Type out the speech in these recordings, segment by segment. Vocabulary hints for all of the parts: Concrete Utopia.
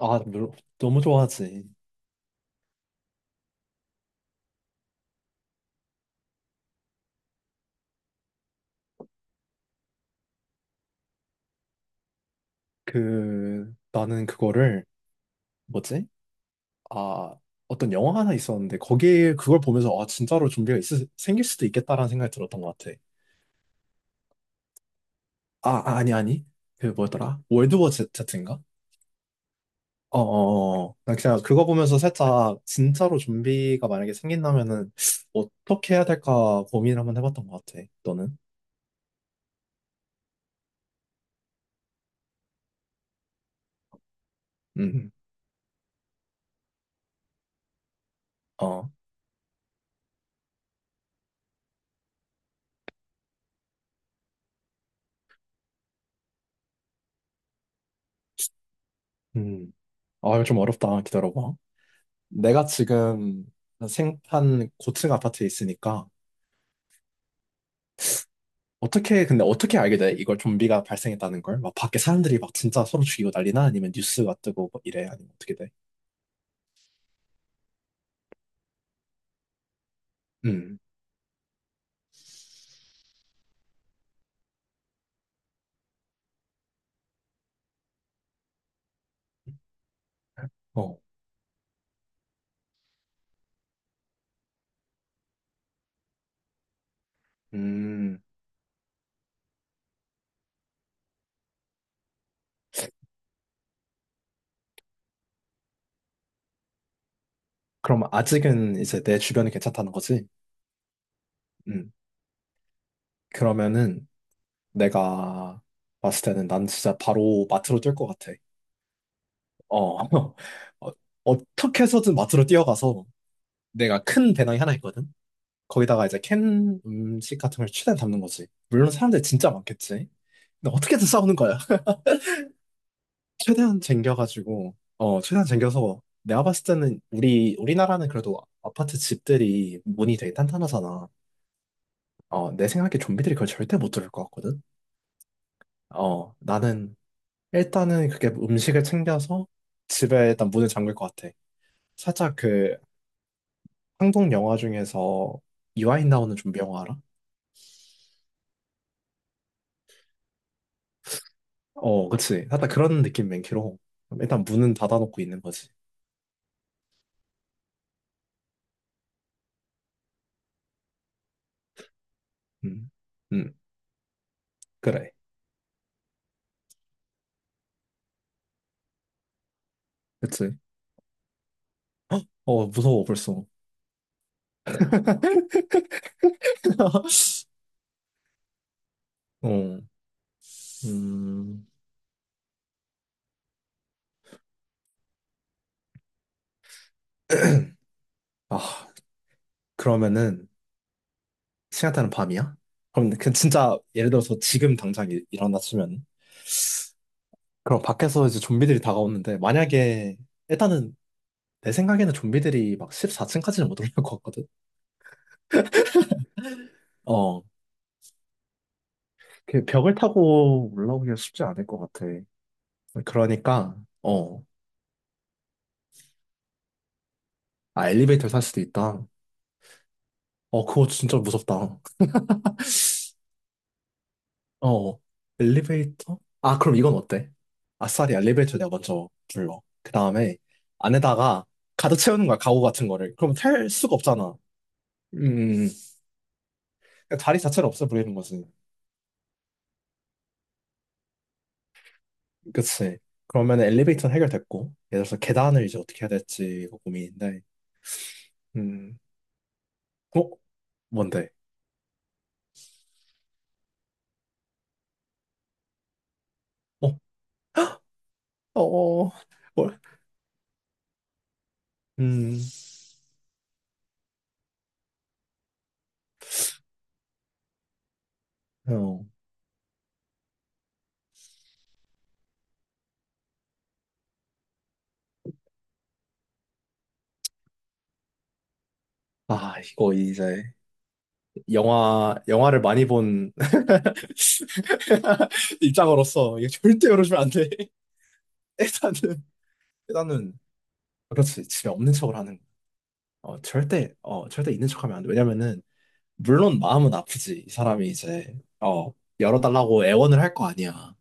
아, 물론 너무 좋아하지. 그 나는 그거를 뭐지? 아, 어떤 영화 하나 있었는데 거기에 그걸 보면서 아, 진짜로 좀비가 있을, 생길 수도 있겠다라는 생각이 들었던 것 같아. 아, 아니. 그 뭐더라? 월드워 제트인가? 어. 나 그냥 그거 보면서 살짝 진짜로 좀비가 만약에 생긴다면은 어떻게 해야 될까 고민을 한번 해봤던 것 같아. 너는? 음. 어. 음. 아, 이거 좀 어렵다. 기다려봐. 내가 지금 생판 고층 아파트에 있으니까 어떻게 근데 어떻게 알게 돼? 이걸 좀비가 발생했다는 걸? 막 밖에 사람들이 막 진짜 서로 죽이고 난리나? 아니면 뉴스가 뜨고 뭐 이래? 아니면 어떻게 돼? 음. 어. 음. 그럼 아직은 이제 내 주변이 괜찮다는 거지? 음. 그러면은 내가 봤을 때는 난 진짜 바로 마트로 뛸 것 같아. 어. 어, 어떻게 해서든 마트로 뛰어가서 내가 큰 배낭이 하나 있거든? 거기다가 이제 캔 음식 같은 걸 최대한 담는 거지. 물론 사람들 진짜 많겠지. 근데 어떻게든 싸우는 거야. 최대한 쟁겨가지고, 어, 최대한 쟁여서 내가 봤을 때는 우리나라는 그래도 아파트 집들이 문이 되게 탄탄하잖아. 어, 내 생각에 좀비들이 그걸 절대 못 들을 것 같거든. 어, 나는 일단은 그게 음식을 챙겨서 집에 일단 문을 잠글 것 같아. 살짝 그 한국 영화 중에서 이화인 나오는 좀비 영화 알아? 어, 그치. 살짝 그런 느낌 맹키로. 일단 문은 닫아놓고 있는 거지. 음, 음, 그래. 그치. 헉! 어, 무서워, 벌써. 어, 음, 아, 그러면은, 시간대는 밤이야? 그럼 그 진짜, 예를 들어서 지금 당장 일어났으면, 그럼 밖에서 이제 좀비들이 다가오는데, 만약에, 일단은, 내 생각에는 좀비들이 막 14층까지는 못 올라올 것 같거든? 어, 그 벽을 타고 올라오기가 쉽지 않을 것 같아. 그러니까, 어, 아, 엘리베이터를 탈 수도 있다. 어, 그거 진짜 무섭다. 어, 엘리베이터? 아, 그럼 이건 어때? 아싸리 엘리베이터 내가 먼저 불러. 그 다음에 안에다가 가득 채우는 거야, 가구 같은 거를. 그럼 탈 수가 없잖아. 음, 그러니까 자리 자체를 없애버리는 거지. 그치. 그러면 엘리베이터는 해결됐고, 예를 들어서 계단을 이제 어떻게 해야 될지 고민인데, 음, 어? 뭔데? 어? 어. 뭘? 음, 어. 아, 이거 이제. 영화를 많이 본 입장으로서 이게 절대 이러시면 안 돼. 일단은, 일단은, 그렇지. 집에 없는 척을 하는 거. 어, 절대, 어, 절대 있는 척 하면 안 돼. 왜냐면은, 물론 마음은 아프지. 이 사람이 이제, 어, 열어달라고 애원을 할 거 아니야.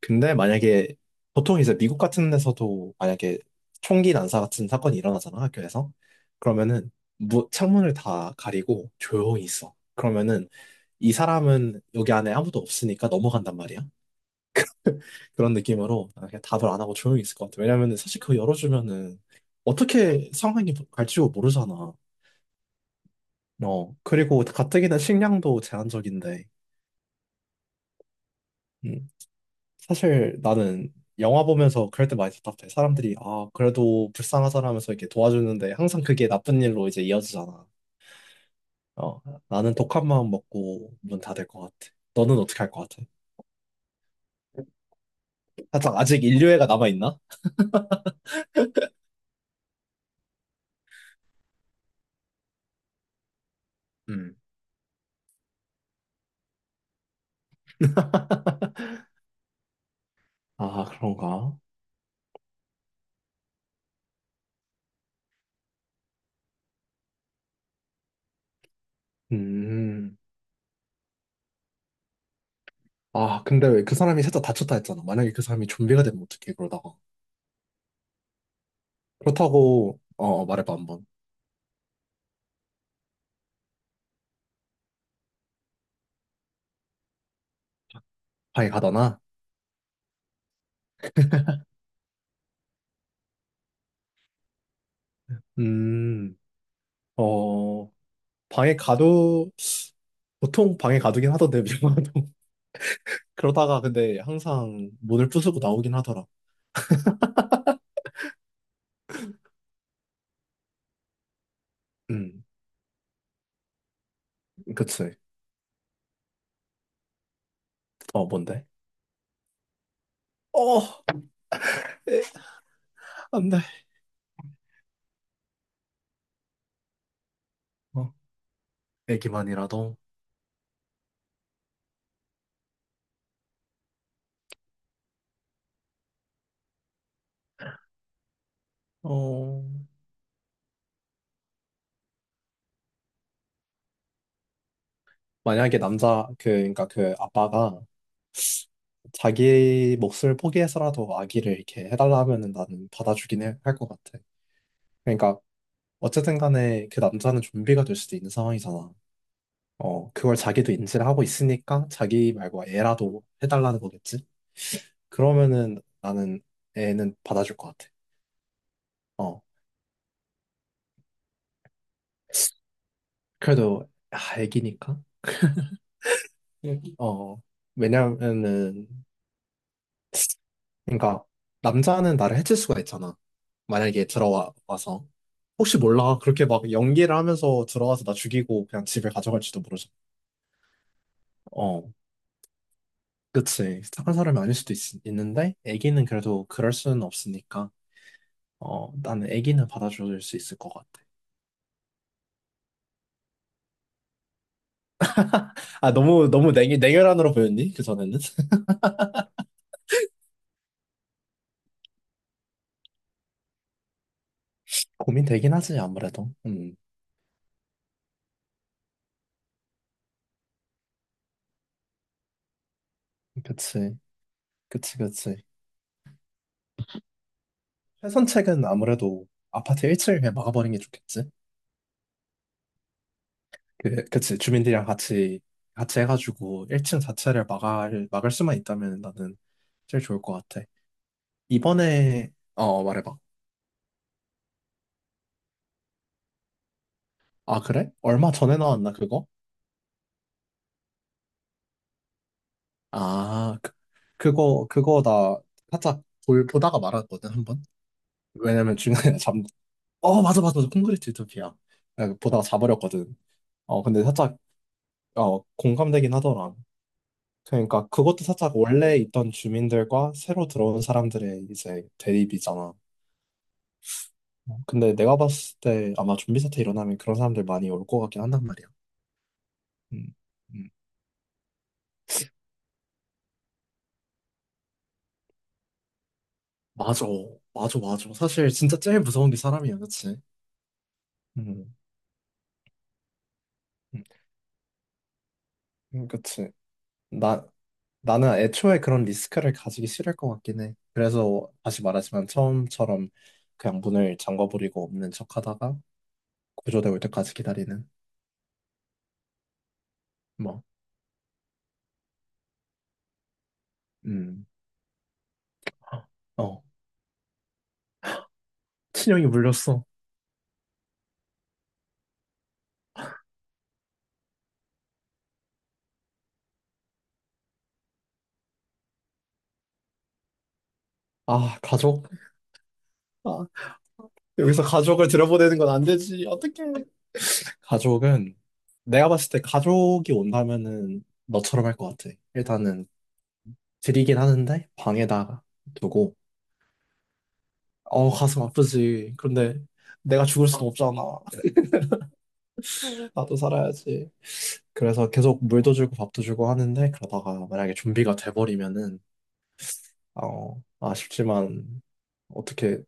근데 만약에, 보통 이제 미국 같은 데서도 만약에 총기 난사 같은 사건이 일어나잖아, 학교에서. 그러면은, 창문을 다 가리고 조용히 있어. 그러면은, 이 사람은 여기 안에 아무도 없으니까 넘어간단 말이야. 그런 느낌으로 아, 그냥 답을 안 하고 조용히 있을 것 같아. 왜냐면은 사실 그거 열어주면은 어떻게 상황이 갈지 뭐 모르잖아. 어, 그리고 가뜩이나 식량도 제한적인데. 음, 사실 나는 영화 보면서 그럴 때 많이 답답해. 사람들이 아, 그래도 불쌍하잖아면서 이렇게 도와주는데 항상 그게 나쁜 일로 이제 이어지잖아. 어, 나는 독한 마음 먹고 문 닫을 것 같아. 너는 어떻게 할 것 같아? 살짝 아직 인류애가 남아있나? 음. 아, 그런가? 음. 아, 근데 왜 그 사람이 살짝 다쳤다 했잖아. 만약에 그 사람이 좀비가 되면 어떡해, 그러다가. 그렇다고, 어, 어, 말해봐, 한번. 방에 가다나? 음, 어, 방에 가도, 보통 방에 가두긴 하던데, 밀망도. 그러다가 근데 항상 문을 부수고 나오긴 하더라. 음, 그치. 어, 뭔데? 어, 에, 안 돼. 어, 애기만이라도. 어, 만약에 그니까 그 아빠가 자기 몫을 포기해서라도 아기를 이렇게 해달라 하면은 나는 받아주긴 할 것 같아. 그러니까 어쨌든 간에 그 남자는 좀비가 될 수도 있는 상황이잖아. 어, 그걸 자기도 인지를 하고 있으니까 자기 말고 애라도 해달라는 거겠지? 그러면은 나는 애는 받아줄 것 같아. 어, 그래도 아, 애기니까. 어, 왜냐면은 그러니까 남자는 나를 해칠 수가 있잖아. 만약에 들어와서 혹시 몰라 그렇게 막 연기를 하면서 들어와서 나 죽이고 그냥 집에 가져갈지도 모르잖아. 어, 그치. 착한 사람이 아닐 수도 있, 는데 애기는 그래도 그럴 수는 없으니까. 어, 나는 애기는 받아줄 수 있을 것 같아. 아, 너무 너무 냉 냉혈한으로 보였니? 그 전에는 고민되긴 하지 아무래도. 그치, 그치. 최선책은 아무래도 아파트 1층에 막아버리는 게 좋겠지. 그치. 주민들이랑 같이, 같이 해가지고 1층 자체를 막을 수만 있다면 나는 제일 좋을 것 같아. 이번에, 어, 말해봐. 아, 그래? 얼마 전에 나왔나, 그거? 아, 그거 나 살짝 보다가 말았거든, 한 번. 왜냐면 중간에 잠, 어, 맞아. 콘크리트 유토피아. 내가 보다가 자버렸거든. 어, 근데 살짝, 어, 공감되긴 하더라. 그러니까 그것도 살짝 원래 있던 주민들과 새로 들어온 사람들의 이제 대립이잖아. 어, 근데 내가 봤을 때 아마 좀비 사태 일어나면 그런 사람들 많이 올 것 같긴 한단 말이야. 음, 음. 맞아, 맞아. 사실 진짜 제일 무서운 게 사람이야, 그치? 음, 음, 그치. 나, 나는 애초에 그런 리스크를 가지기 싫을 것 같긴 해. 그래서 다시 말하지만 처음처럼 그냥 문을 잠궈버리고 없는 척하다가 구조대 올 때까지 기다리는 뭐, 음, 어, 친형이 물렸어. 아, 가족? 아, 여기서 가족을 들여보내는 건 안 되지. 어떡해. 가족은 내가 봤을 때 가족이 온다면은 너처럼 할 것 같아. 일단은 드리긴 하는데 방에다가 두고 어 가슴 아프지. 그런데 내가 죽을 순 없잖아. 나도 살아야지. 그래서 계속 물도 주고 밥도 주고 하는데 그러다가 만약에 좀비가 돼버리면은 어 아쉽지만 어떻게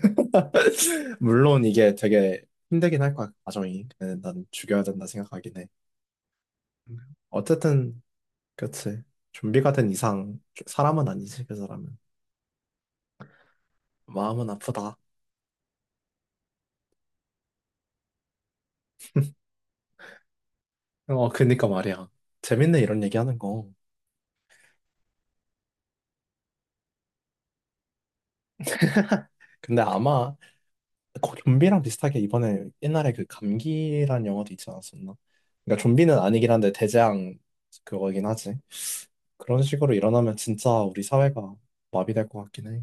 물론 이게 되게 힘들긴 할 거야 과정이. 근데 난 죽여야 된다 생각하긴 해. 어쨌든 그치. 좀비가 된 이상 사람은 아니지, 그 사람은. 마음은 아프다. 어, 그니까 말이야. 재밌네, 이런 얘기하는 거. 근데 아마 거- 좀비랑 비슷하게 이번에 옛날에 그 감기란 영화도 있지 않았었나? 그러니까 좀비는 아니긴 한데 대재앙 그거긴 하지. 그런 식으로 일어나면 진짜 우리 사회가 마비될 것 같긴 해.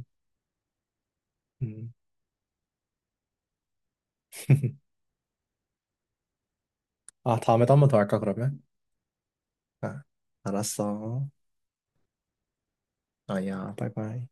음. 아, 다음에도 한 번 더 할까, 그러면? 아, 알았어. 아야, 바이바이.